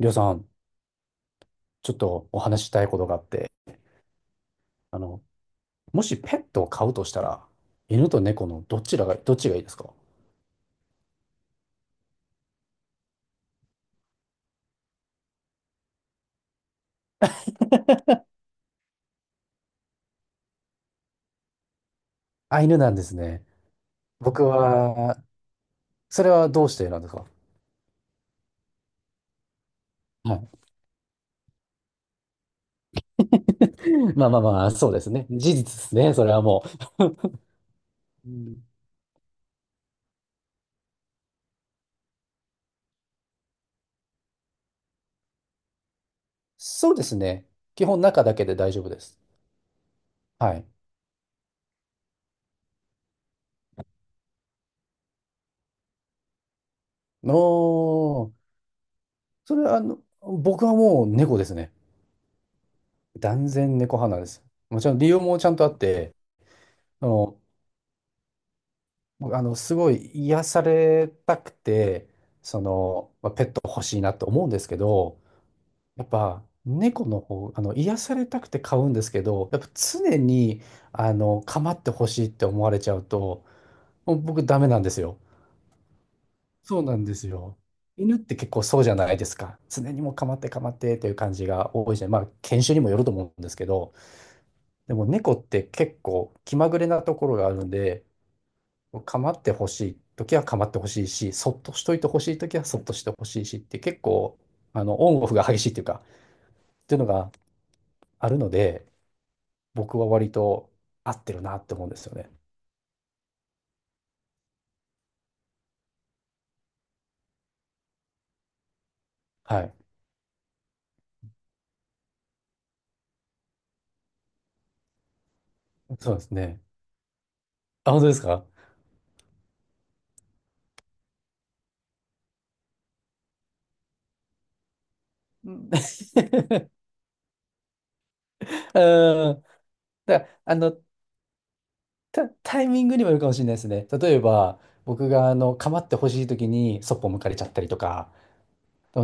りょうさん、ちょっとお話ししたいことがあって、あの、もしペットを飼うとしたら、犬と猫のどっちがいいですか？あ、犬なんですね。僕は、それはどうしてなんですか？はい。まあまあまあ、そうですね。事実ですね。それはもう、うん、そうですね。基本中だけで大丈夫です。はい。おー、それは僕はもう猫ですね。断然猫派なんです。もちろん理由もちゃんとあって、あの、すごい癒されたくて、その、まあ、ペット欲しいなと思うんですけど、やっぱ猫の方、癒されたくて飼うんですけど、やっぱ常に、構ってほしいって思われちゃうと、もう僕ダメなんですよ。そうなんですよ。犬って結構そうじゃないですか。常にもう構って構ってという感じが多いじゃん。まあ、犬種にもよると思うんですけど、でも猫って結構気まぐれなところがあるんで、構ってほしい時は構ってほしいし、そっとしといてほしい時はそっとしてほしいしって結構、オンオフが激しいっていうのがあるので、僕は割と合ってるなって思うんですよね。はい。そうですね。あ、本当ですか？うん。うん。だから、タイミングにもよるかもしれないですね。例えば、僕が、構ってほしい時にそっぽ向かれちゃったりとか、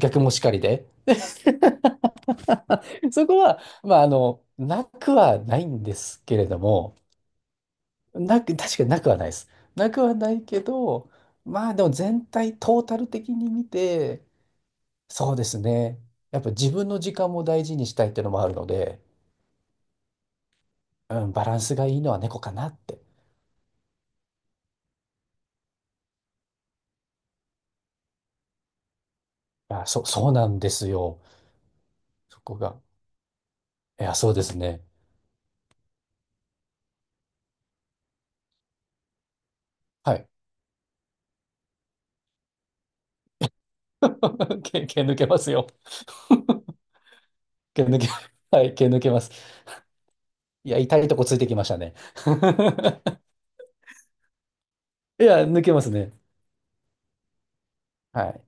逆もしかりで、そこは、まあ、なくはないんですけれども、なく、確かになくはないです。なくはないけど、まあでも全体、トータル的に見て、そうですね。やっぱ自分の時間も大事にしたいっていうのもあるので、うん、バランスがいいのは猫かなって。あ、そう、そうなんですよ。そこが。いや、そうですね。はい。毛抜けますよ。毛抜け、はい、毛抜けます。いや、痛いとこついてきましたね。いや、抜けますね。はい。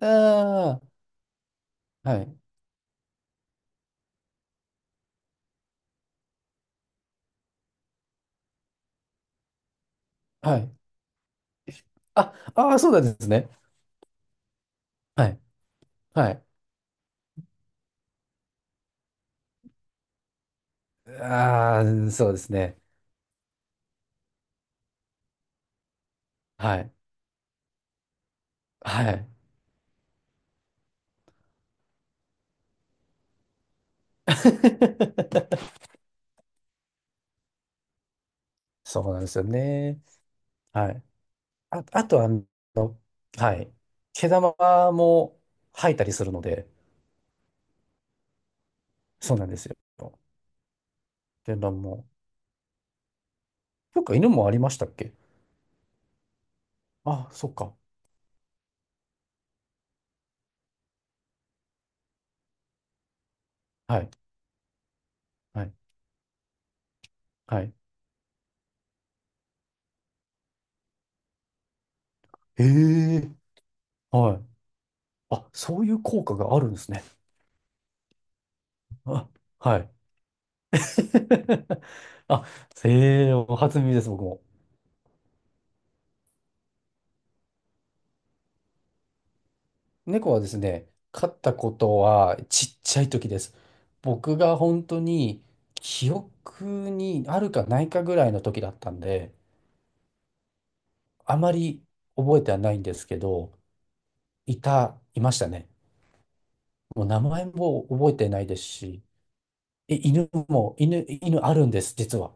ああ、はい。はい。あ、ああ、そうなんですね。はい。はい。ああ、そうですね。はい。はい。そうなんですよね。はい。あ、あと、はい。毛玉も吐いたりするので、そうなんですよ。天卵も。そっか、犬もありましたっけ？あ、そっか。はい。はい。はい。ええ。はい。あ、そういう効果があるんですね。あ、はい。あ、へえ、お初耳です、僕も。猫はですね、飼ったことはちっちゃい時です。僕が本当に記憶にあるかないかぐらいの時だったんで、あまり覚えてはないんですけど、いましたね。もう名前も覚えてないですし、え、犬も、犬、犬あるんです、実は。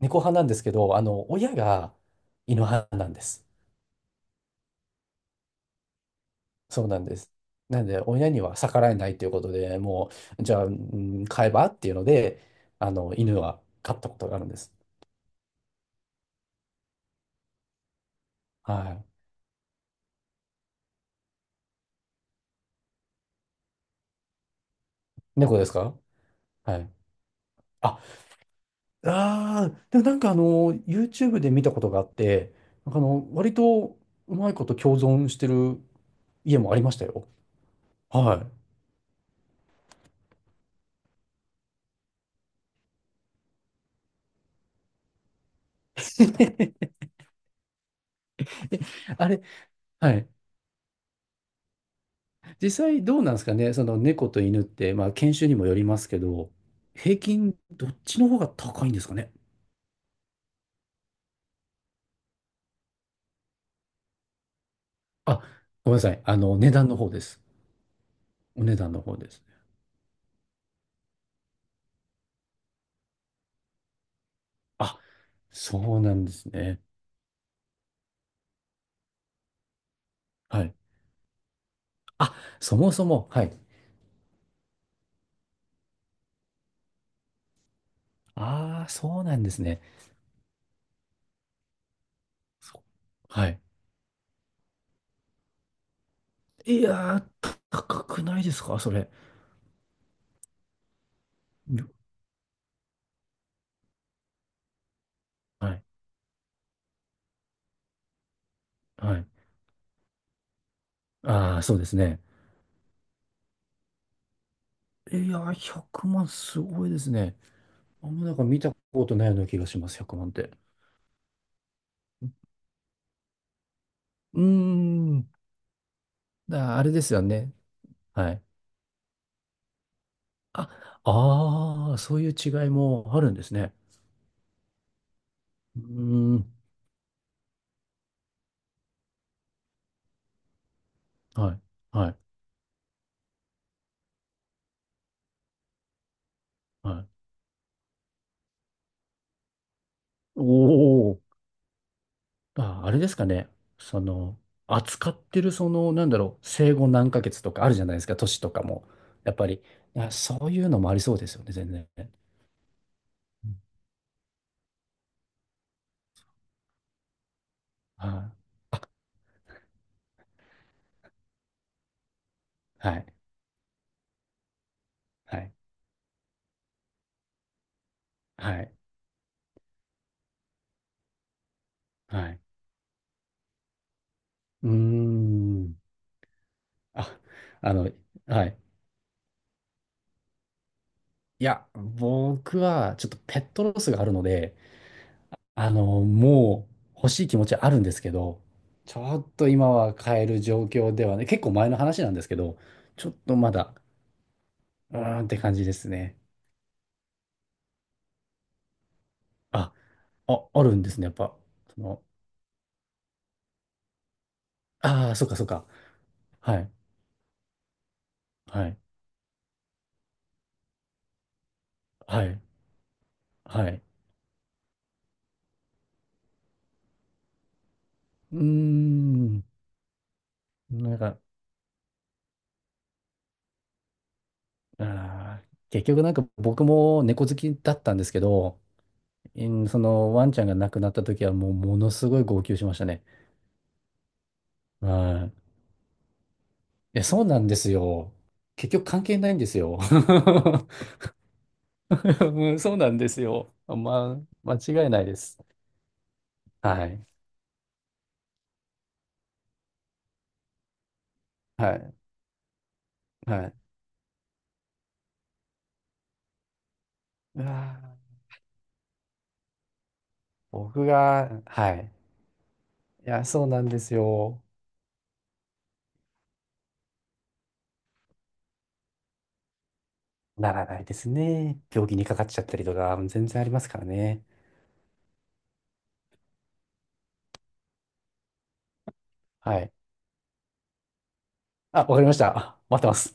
猫派なんですけど、親が犬派なんです。そうなんです。なんで、親には逆らえないということで、もう、じゃあ、うん、飼えばっていうので、犬は飼ったことがあるんです。はい。猫ですか？はい。あ、あーでもなんかYouTube で見たことがあって、なんか割とうまいこと共存してる家もありましたよ。はい。えあれ、はい。実際どうなんですかね、その猫と犬って、まあ、犬種にもよりますけど、平均どっちの方が高いんですかね。あ、ごめんなさい。値段の方です。お値段の方ですね。あ、そうなんですね。はい。あ、そもそも、はい。ああ、そうなんですね。そう、はい。いやー、高くないですか、それ？よ、はい。はい。ああ、そうですね。いやー、100万すごいですね。あんまなんか見たことないような気がします、100万って。うーん。あれですよね。はい。あ、ああ、そういう違いもあるんですね。うーん。はい。はいはい。おお、あ、あれですかね。その、扱ってる、その、なんだろう、生後何ヶ月とかあるじゃないですか、年とかも。やっぱり、あ、そういうのもありそうですよね、全然。うん、はい。あ、はい、はい、はい、はい。うーん。あ、あの、はい。いや、僕は、ちょっとペットロスがあるので、もう欲しい気持ちはあるんですけど、ちょっと今は買える状況ではね、結構前の話なんですけど、ちょっとまだ、うーんって感じですね。あ、あ、あるんですね、やっぱ。その、ああ、そうかそうか。はい、はい、はい、はい。うーん、なんか、結局なんか僕も猫好きだったんですけど、うん、そのワンちゃんが亡くなった時はもうものすごい号泣しましたね。はい、や、そうなんですよ。結局関係ないんですよ。うん、そうなんですよ。まあ、間違いないです。はい。はい。はい。うわー、僕が、はい。いや、そうなんですよ。ならないですね。病気にかかっちゃったりとか、全然ありますからね。はい。あ、わかりました。あ、待ってます。